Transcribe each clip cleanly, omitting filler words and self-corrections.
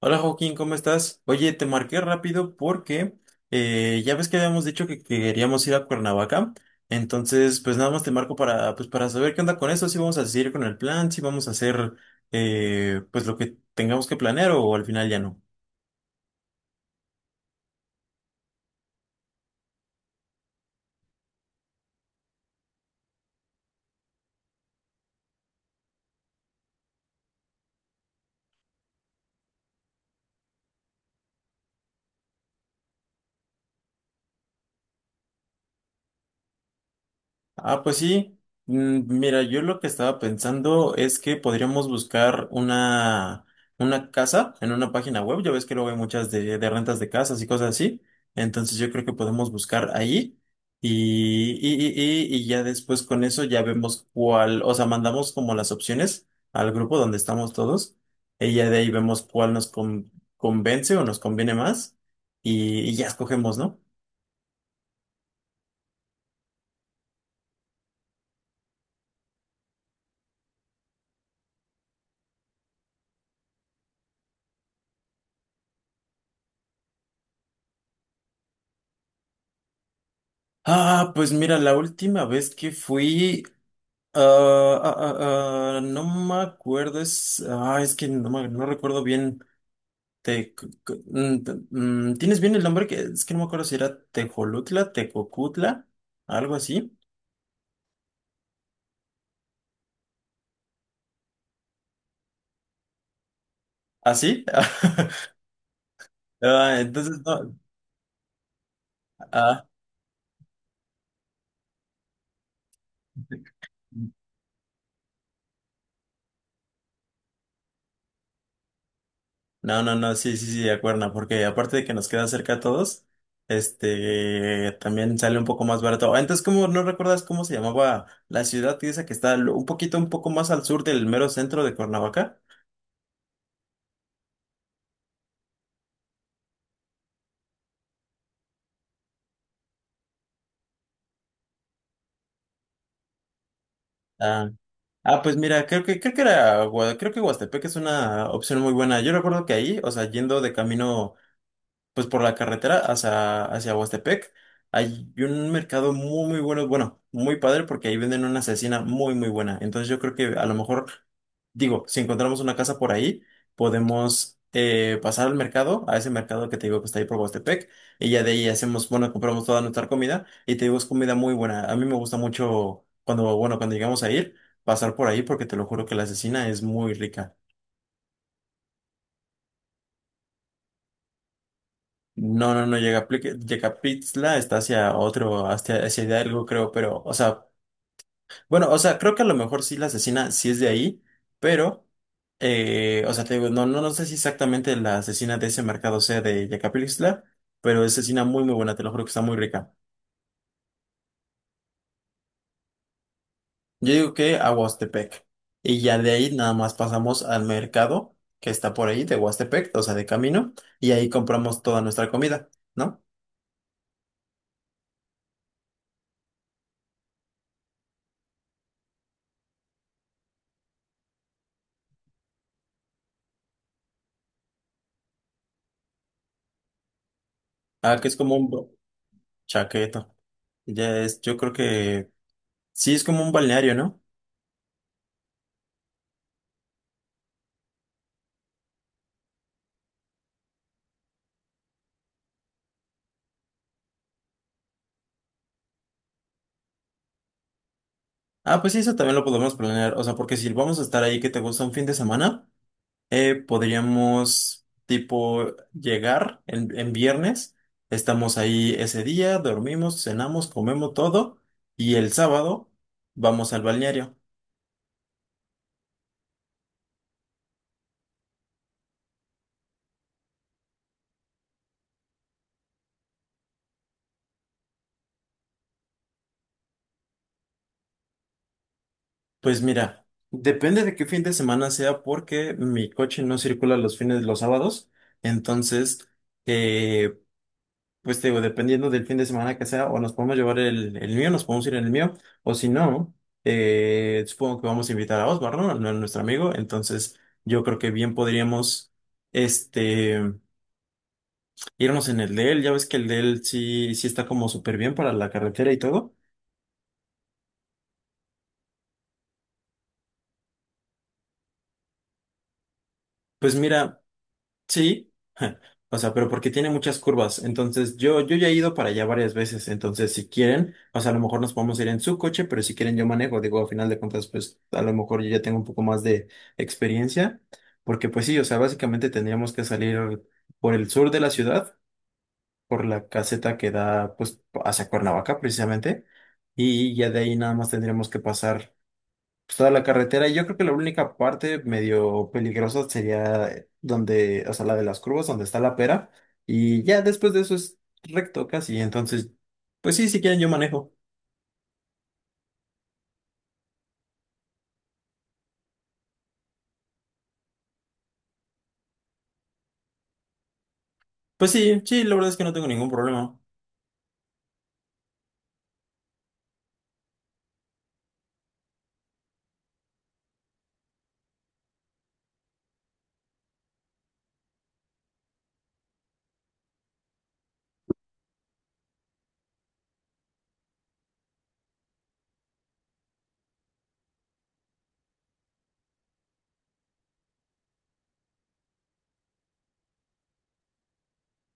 Hola Joaquín, ¿cómo estás? Oye, te marqué rápido porque ya ves que habíamos dicho que queríamos ir a Cuernavaca. Entonces, pues nada más te marco para, pues, para saber qué onda con eso, si vamos a seguir con el plan, si vamos a hacer pues lo que tengamos que planear o al final ya no. Ah, pues sí. Mira, yo lo que estaba pensando es que podríamos buscar una casa en una página web. Ya ves que luego hay muchas de rentas de casas y cosas así. Entonces yo creo que podemos buscar ahí y ya después con eso ya vemos cuál, o sea, mandamos como las opciones al grupo donde estamos todos y ya de ahí vemos cuál nos convence o nos conviene más y ya escogemos, ¿no? Ah, pues mira, la última vez que fui. No me acuerdo, es que no, no recuerdo bien. Te, c- c- mm, te- mm, ¿Tienes bien el nombre? Que, es que no me acuerdo si era Tejolutla, Tecocutla, algo así. ¿Así? Ah, entonces no. Ah, no, no, no, sí, sí, sí, de acuerdo, porque aparte de que nos queda cerca a todos, este, también sale un poco más barato. Ah, entonces, ¿cómo no recuerdas cómo se llamaba la ciudad esa que está un poquito, un poco más al sur del mero centro de Cuernavaca? Ah, ah, pues mira, creo que Huastepec es una opción muy buena. Yo recuerdo que ahí, o sea, yendo de camino pues por la carretera hacia Huastepec. Hay un mercado muy, muy bueno, bueno, muy padre porque ahí venden una asesina muy, muy buena. Entonces yo creo que a lo mejor, digo, si encontramos una casa por ahí, podemos pasar al mercado, a ese mercado que te digo que está ahí por Huastepec, y ya de ahí hacemos, bueno, compramos toda nuestra comida y te digo, es comida muy buena. A mí me gusta mucho cuando, bueno, cuando llegamos a ir, pasar por ahí porque te lo juro que la asesina es muy rica. No, no, no, Yecapitzla está hacia otro, hacia Hidalgo, creo, pero, o sea, bueno, o sea, creo que a lo mejor sí la asesina sí es de ahí, pero, o sea, te digo, no, no, no sé si exactamente la asesina de ese mercado sea de Yecapitzla, pero es asesina muy, muy buena, te lo juro que está muy rica. Yo digo que a Huastepec, y ya de ahí nada más pasamos al mercado que está por ahí de Huastepec, o sea, de camino, y ahí compramos toda nuestra comida, ¿no? Ah, que es como un chaqueto. Yo creo que sí es como un balneario, ¿no? Ah, pues sí, eso también lo podemos planear. O sea, porque si vamos a estar ahí que te gusta un fin de semana, podríamos tipo llegar en viernes, estamos ahí ese día, dormimos, cenamos, comemos todo y el sábado vamos al balneario. Pues mira, depende de qué fin de semana sea porque mi coche no circula los fines de los sábados, entonces... eh, pues te digo, dependiendo del fin de semana que sea, o nos podemos llevar el mío, nos podemos ir en el mío, o si no, supongo que vamos a invitar a Osmar, ¿no? A nuestro amigo, entonces yo creo que bien podríamos, este, irnos en el de él, ya ves que el de él sí, sí está como súper bien para la carretera y todo. Pues mira, sí, o sea, pero porque tiene muchas curvas. Entonces, yo ya he ido para allá varias veces. Entonces, si quieren, o sea, a lo mejor nos podemos ir en su coche, pero si quieren, yo manejo. Digo, a final de cuentas, pues a lo mejor yo ya tengo un poco más de experiencia. Porque, pues sí, o sea, básicamente tendríamos que salir por el sur de la ciudad, por la caseta que da, pues, hacia Cuernavaca, precisamente. Y ya de ahí nada más tendríamos que pasar pues, toda la carretera. Yo creo que la única parte medio peligrosa sería donde, o sea, la de las curvas, donde está la pera. Y ya después de eso es recto casi. Entonces, pues sí, si quieren yo manejo. Pues sí, sí, la verdad es que no tengo ningún problema.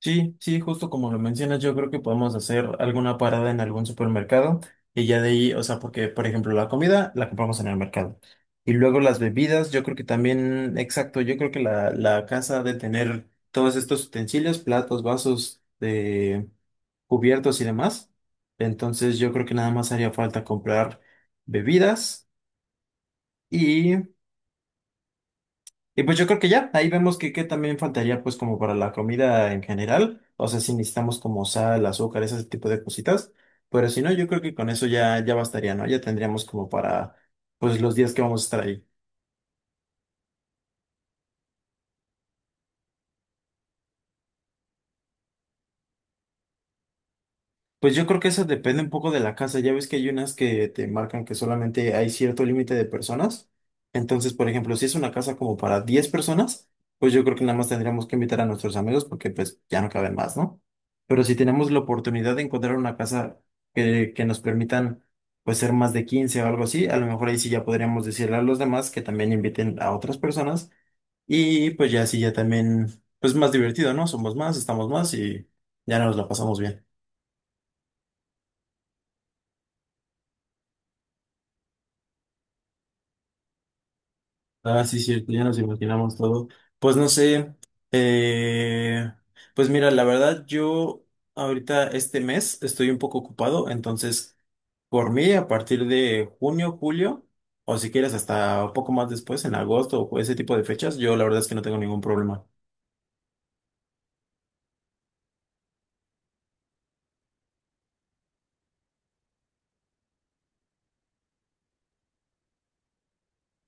Sí, sí, justo como lo mencionas, yo creo que podemos hacer alguna parada en algún supermercado y ya de ahí, o sea, porque por ejemplo la comida la compramos en el mercado y luego las bebidas, yo creo que también, exacto, yo creo que la casa ha de tener todos estos utensilios, platos, vasos, de cubiertos y demás. Entonces yo creo que nada más haría falta comprar bebidas y pues yo creo que ya, ahí vemos que también faltaría pues como para la comida en general, o sea, si necesitamos como sal, azúcar, ese tipo de cositas, pero si no, yo creo que con eso ya, ya bastaría, ¿no? Ya tendríamos como para pues los días que vamos a estar ahí. Pues yo creo que eso depende un poco de la casa. Ya ves que hay unas que te marcan que solamente hay cierto límite de personas. Entonces, por ejemplo, si es una casa como para 10 personas, pues yo creo que nada más tendríamos que invitar a nuestros amigos porque pues ya no caben más, ¿no? Pero si tenemos la oportunidad de encontrar una casa que nos permitan pues ser más de 15 o algo así, a lo mejor ahí sí ya podríamos decirle a los demás que también inviten a otras personas y pues ya sí ya también pues más divertido, ¿no? Somos más, estamos más y ya nos la pasamos bien. Ah, sí, cierto, ya nos imaginamos todo. Pues no sé, eh, pues mira, la verdad yo ahorita este mes estoy un poco ocupado, entonces por mí a partir de junio, julio, o si quieres hasta un poco más después, en agosto o ese tipo de fechas, yo la verdad es que no tengo ningún problema.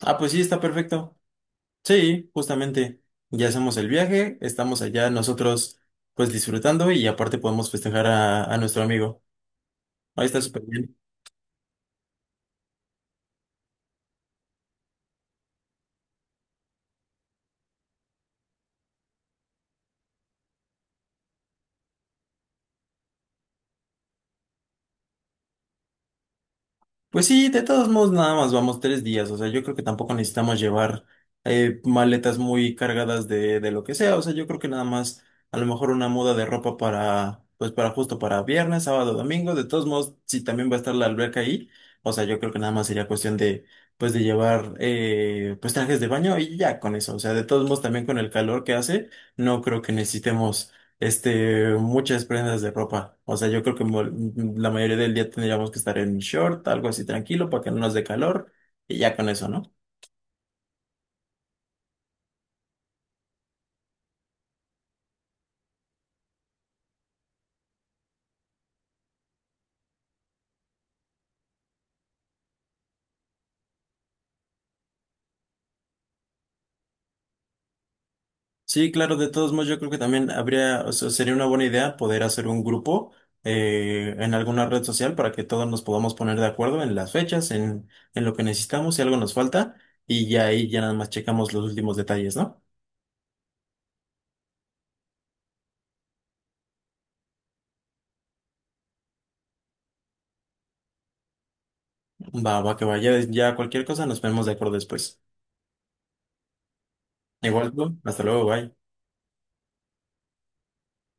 Ah, pues sí, está perfecto. Sí, justamente, ya hacemos el viaje, estamos allá nosotros pues disfrutando y aparte podemos festejar a nuestro amigo. Ahí está súper bien. Pues sí, de todos modos nada más vamos 3 días, o sea, yo creo que tampoco necesitamos llevar maletas muy cargadas de lo que sea, o sea, yo creo que nada más a lo mejor una muda de ropa para, pues para justo para viernes, sábado, domingo, de todos modos, si también va a estar la alberca ahí, o sea, yo creo que nada más sería cuestión de, pues de llevar, pues trajes de baño y ya con eso, o sea, de todos modos también con el calor que hace, no creo que necesitemos este, muchas prendas de ropa. O sea, yo creo que la mayoría del día tendríamos que estar en short, algo así tranquilo, para que no nos dé calor, y ya con eso, ¿no? Sí, claro, de todos modos, yo creo que también habría, o sea, sería una buena idea poder hacer un grupo en alguna red social para que todos nos podamos poner de acuerdo en las fechas, en lo que necesitamos, si algo nos falta, y ya ahí ya nada más checamos los últimos detalles, ¿no? Va, va, que vaya, ya ya cualquier cosa nos ponemos de acuerdo después. Igual, tú, hasta luego, bye.